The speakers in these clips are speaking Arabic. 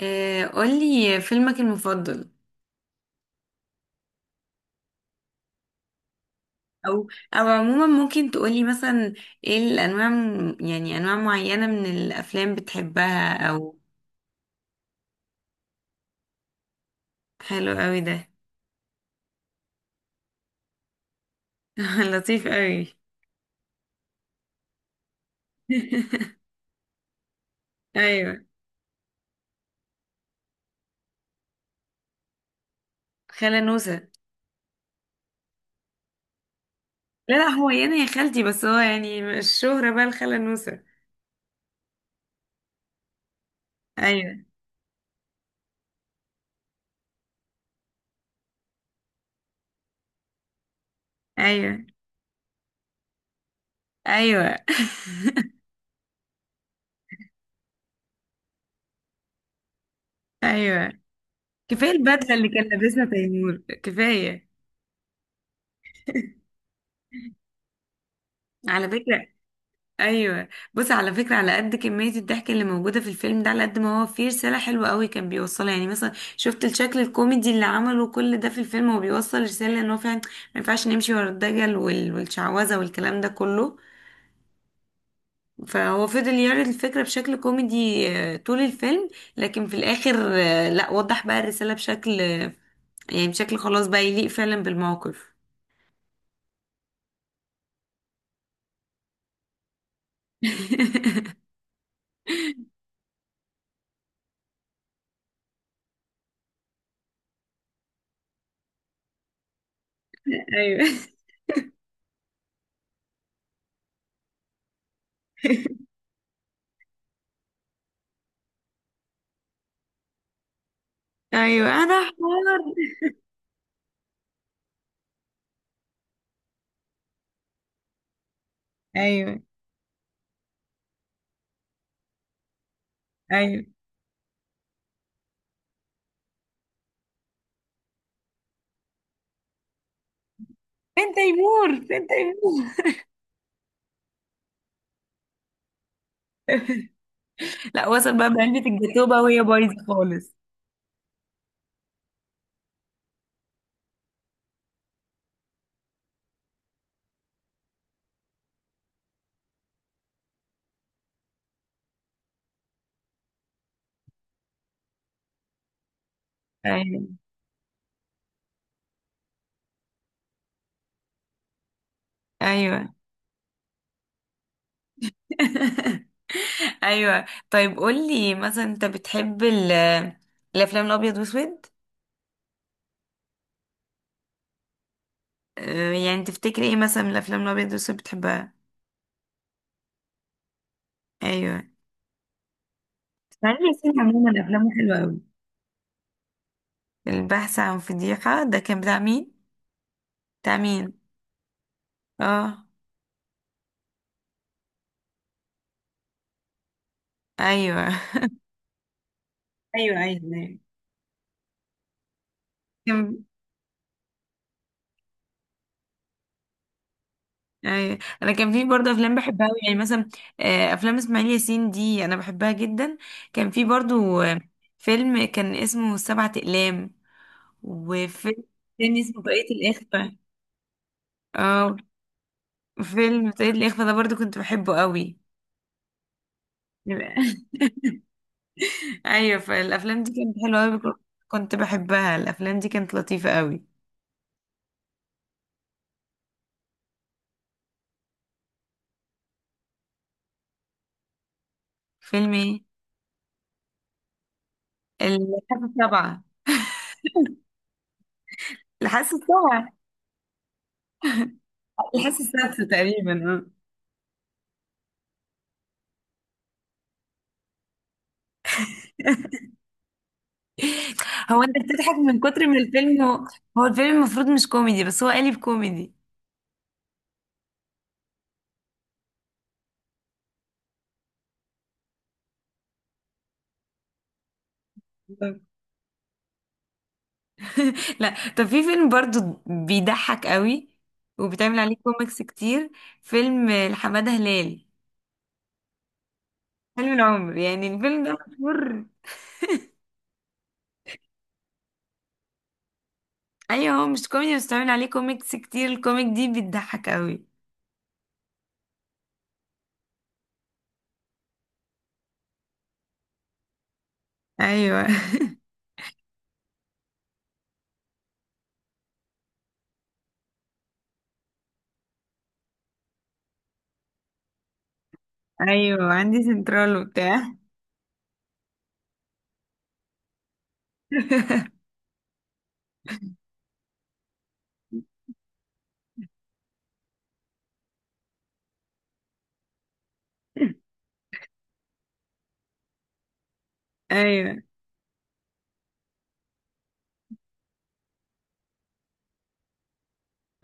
قولي فيلمك المفضل. او او عموما ممكن تقولي مثلا ايه الانواع يعني انواع معينة من الافلام بتحبها او. حلو قوي ده. لطيف قوي. ايوه. خالة نوسة. لا لا، هو يعني يا خالتي، بس هو يعني الشهرة بقى الخالة نوسة. ايوه. ايوه. ايوه. ايوه، كفاية البدلة اللي كان لابسها تيمور كفاية. على فكرة. ايوه. بص، على فكره، على قد كميه الضحك اللي موجوده في الفيلم ده على قد ما هو فيه رساله حلوه قوي كان بيوصلها. يعني مثلا شفت الشكل الكوميدي اللي عمله كل ده في الفيلم، هو بيوصل رساله ان هو فعلا ما ينفعش نمشي ورا الدجل والشعوذه والكلام ده كله. فهو فضل يعرض الفكره بشكل كوميدي طول الفيلم. لكن في الاخر، لا وضح بقى الرساله بشكل يعني بشكل خلاص بقى يليق فعلا بالموقف. ايوه. ايوه انا حمار. ايوه. ايوه. فين تيمور، فين تيمور. لا وصل بقى بعلبة الجاتوه بقى وهي بايظة خالص. ايوه. ايوه. ايوه، طيب قول لي مثلا انت بتحب الافلام الابيض واسود؟ يعني تفتكري ايه مثلا من الافلام الابيض واسود بتحبها؟ ايوه. اسماعيل ياسين عموما افلامه حلوه قوي. البحث عن فضيحه ده كان بتاع مين؟ بتاع مين؟ اه. ايوه. ايوه. ايوه. أيوة. أي. انا كان في برضه افلام بحبها أوي، يعني مثلا افلام اسماعيل ياسين دي انا بحبها جدا. كان في برضه فيلم كان اسمه سبعة اقلام. وفيلم تاني اسمه طريقة الاخفاء. اه فيلم طريقة الاخفاء ده برضه كنت بحبه قوي. ايوه، فالافلام دي كانت حلوه قوي. كنت بحبها، الافلام دي كانت لطيفه قوي. فيلم ايه؟ الحاسه السابعه. الحاسه السابعه. الحاسه السادسه تقريبا هو انت بتضحك من كتر من الفيلم هو الفيلم المفروض مش كوميدي بس هو قالب كوميدي. لا طب في فيلم برضو بيضحك قوي وبتعمل عليه كوميكس كتير. فيلم لحمادة هلال. حلم العمر، يعني الفيلم ده مشهور. ايوه هو مش كوميدي بس بتعمل عليه كوميكس كتير، الكوميك دي بتضحك قوي. ايوه. ايوه، عندي سنترال وبتاع. ايوه.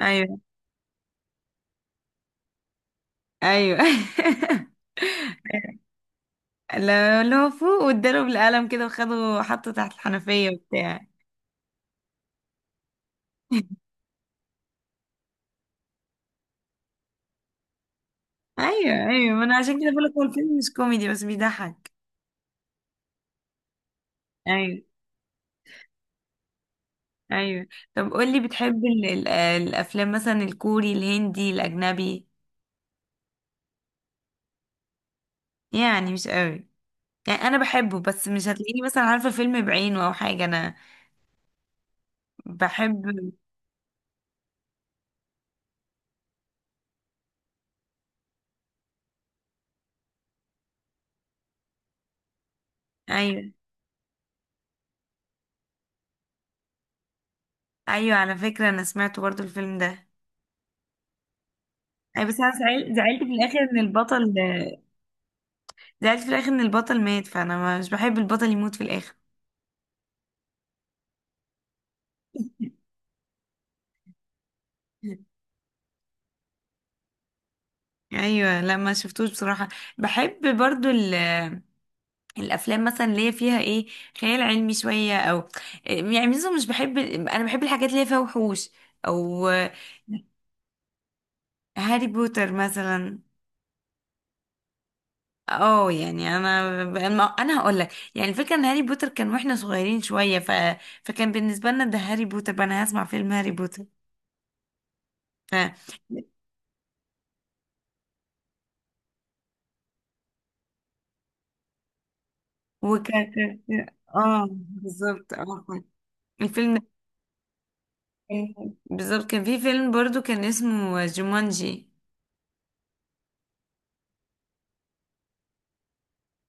ايوه. ايوه. ايوه، اللي هو فوق واداله بالقلم كده وخده حطه تحت الحنفية وبتاع. ايوه. ايوه، ما انا عشان كده بقولك، هو الفيلم مش كوميدي بس بيضحك. ايوه. ايوه. طب قولي بتحب الافلام مثلا الكوري، الهندي، الاجنبي؟ يعني مش قوي، يعني انا بحبه بس مش هتلاقيني مثلا عارفه فيلم بعينه او حاجه انا بحب. ايوه. ايوه، على فكره انا سمعت برضو الفيلم ده. اي بس انا زعلت في الاخر ان البطل، زعلت في الاخر ان البطل مات، فانا مش بحب البطل يموت في الاخر. ايوه لا ما شفتوش بصراحه. بحب برضو الافلام مثلا اللي هي فيها ايه، خيال علمي شويه، او يعني مثلا مش بحب، انا بحب الحاجات اللي هي فيها وحوش او. هاري بوتر مثلا. اه، يعني انا انا أنا هقول لك، يعني الفكره ان هاري بوتر كان واحنا صغيرين شويه ف... فكان بالنسبه لنا ده هاري بوتر بقى، انا هسمع فيلم هاري بوتر ف... وكان. اه بالظبط اه، الفيلم. بالظبط. كان في فيلم برضو كان اسمه جومانجي.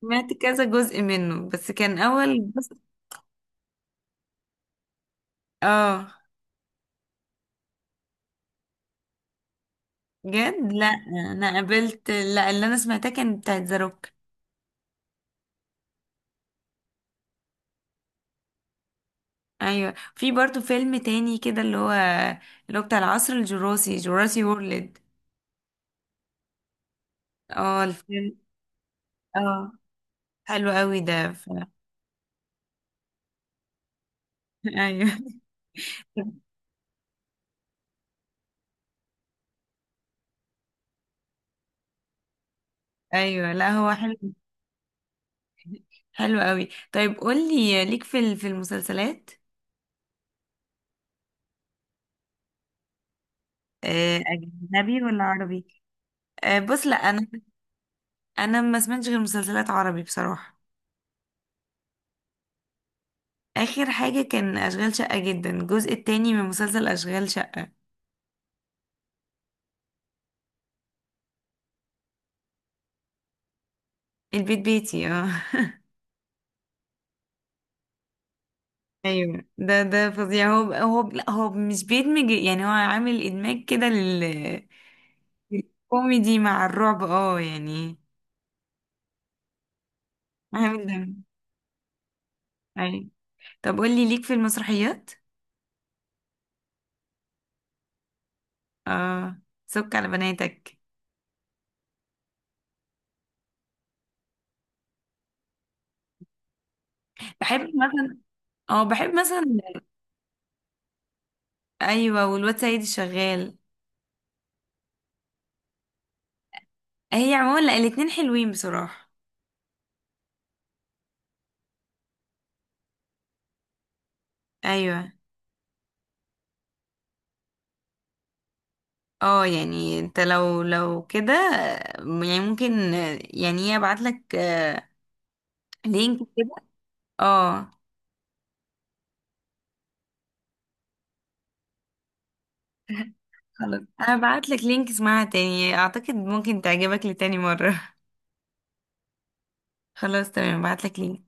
سمعت كذا جزء منه بس كان اول جزء. اه. جد لا. انا قابلت، لا، اللي انا سمعتها كان بتاعت ذا روك. ايوه. في برضو فيلم تاني كده اللي هو بتاع العصر الجراسي، جراسي وورلد. اه الفيلم. اه. حلو قوي ده ف... ايوه. ايوه لا هو حلو. حلو قوي. طيب قولي ليك في في المسلسلات؟ اجنبي ولا عربي؟ بص لا انا، انا ما سمعتش غير مسلسلات عربي بصراحة. اخر حاجة كان اشغال شقة جدا، الجزء التاني من مسلسل اشغال شقة. البيت بيتي، اه. ايوه، ده فظيع، هو لا هو مش بيدمج، يعني هو عامل ادماج كده لل الكوميدي مع الرعب اه يعني. عامل ده. ايوه. طب قولي ليك في المسرحيات؟ اه، سك على بناتك. بحب مثلا، اه بحب مثلا. ايوه والواد سيد الشغال. هي عموما، لا الاتنين حلوين بصراحة. ايوه. اه يعني انت لو كده يعني ممكن، يعني ايه، ابعت لك لينك كده. اه. على، انا ابعت لك لينك، اسمعها تاني، اعتقد ممكن تعجبك لتاني مرة. خلاص تمام، ابعت لك لينك.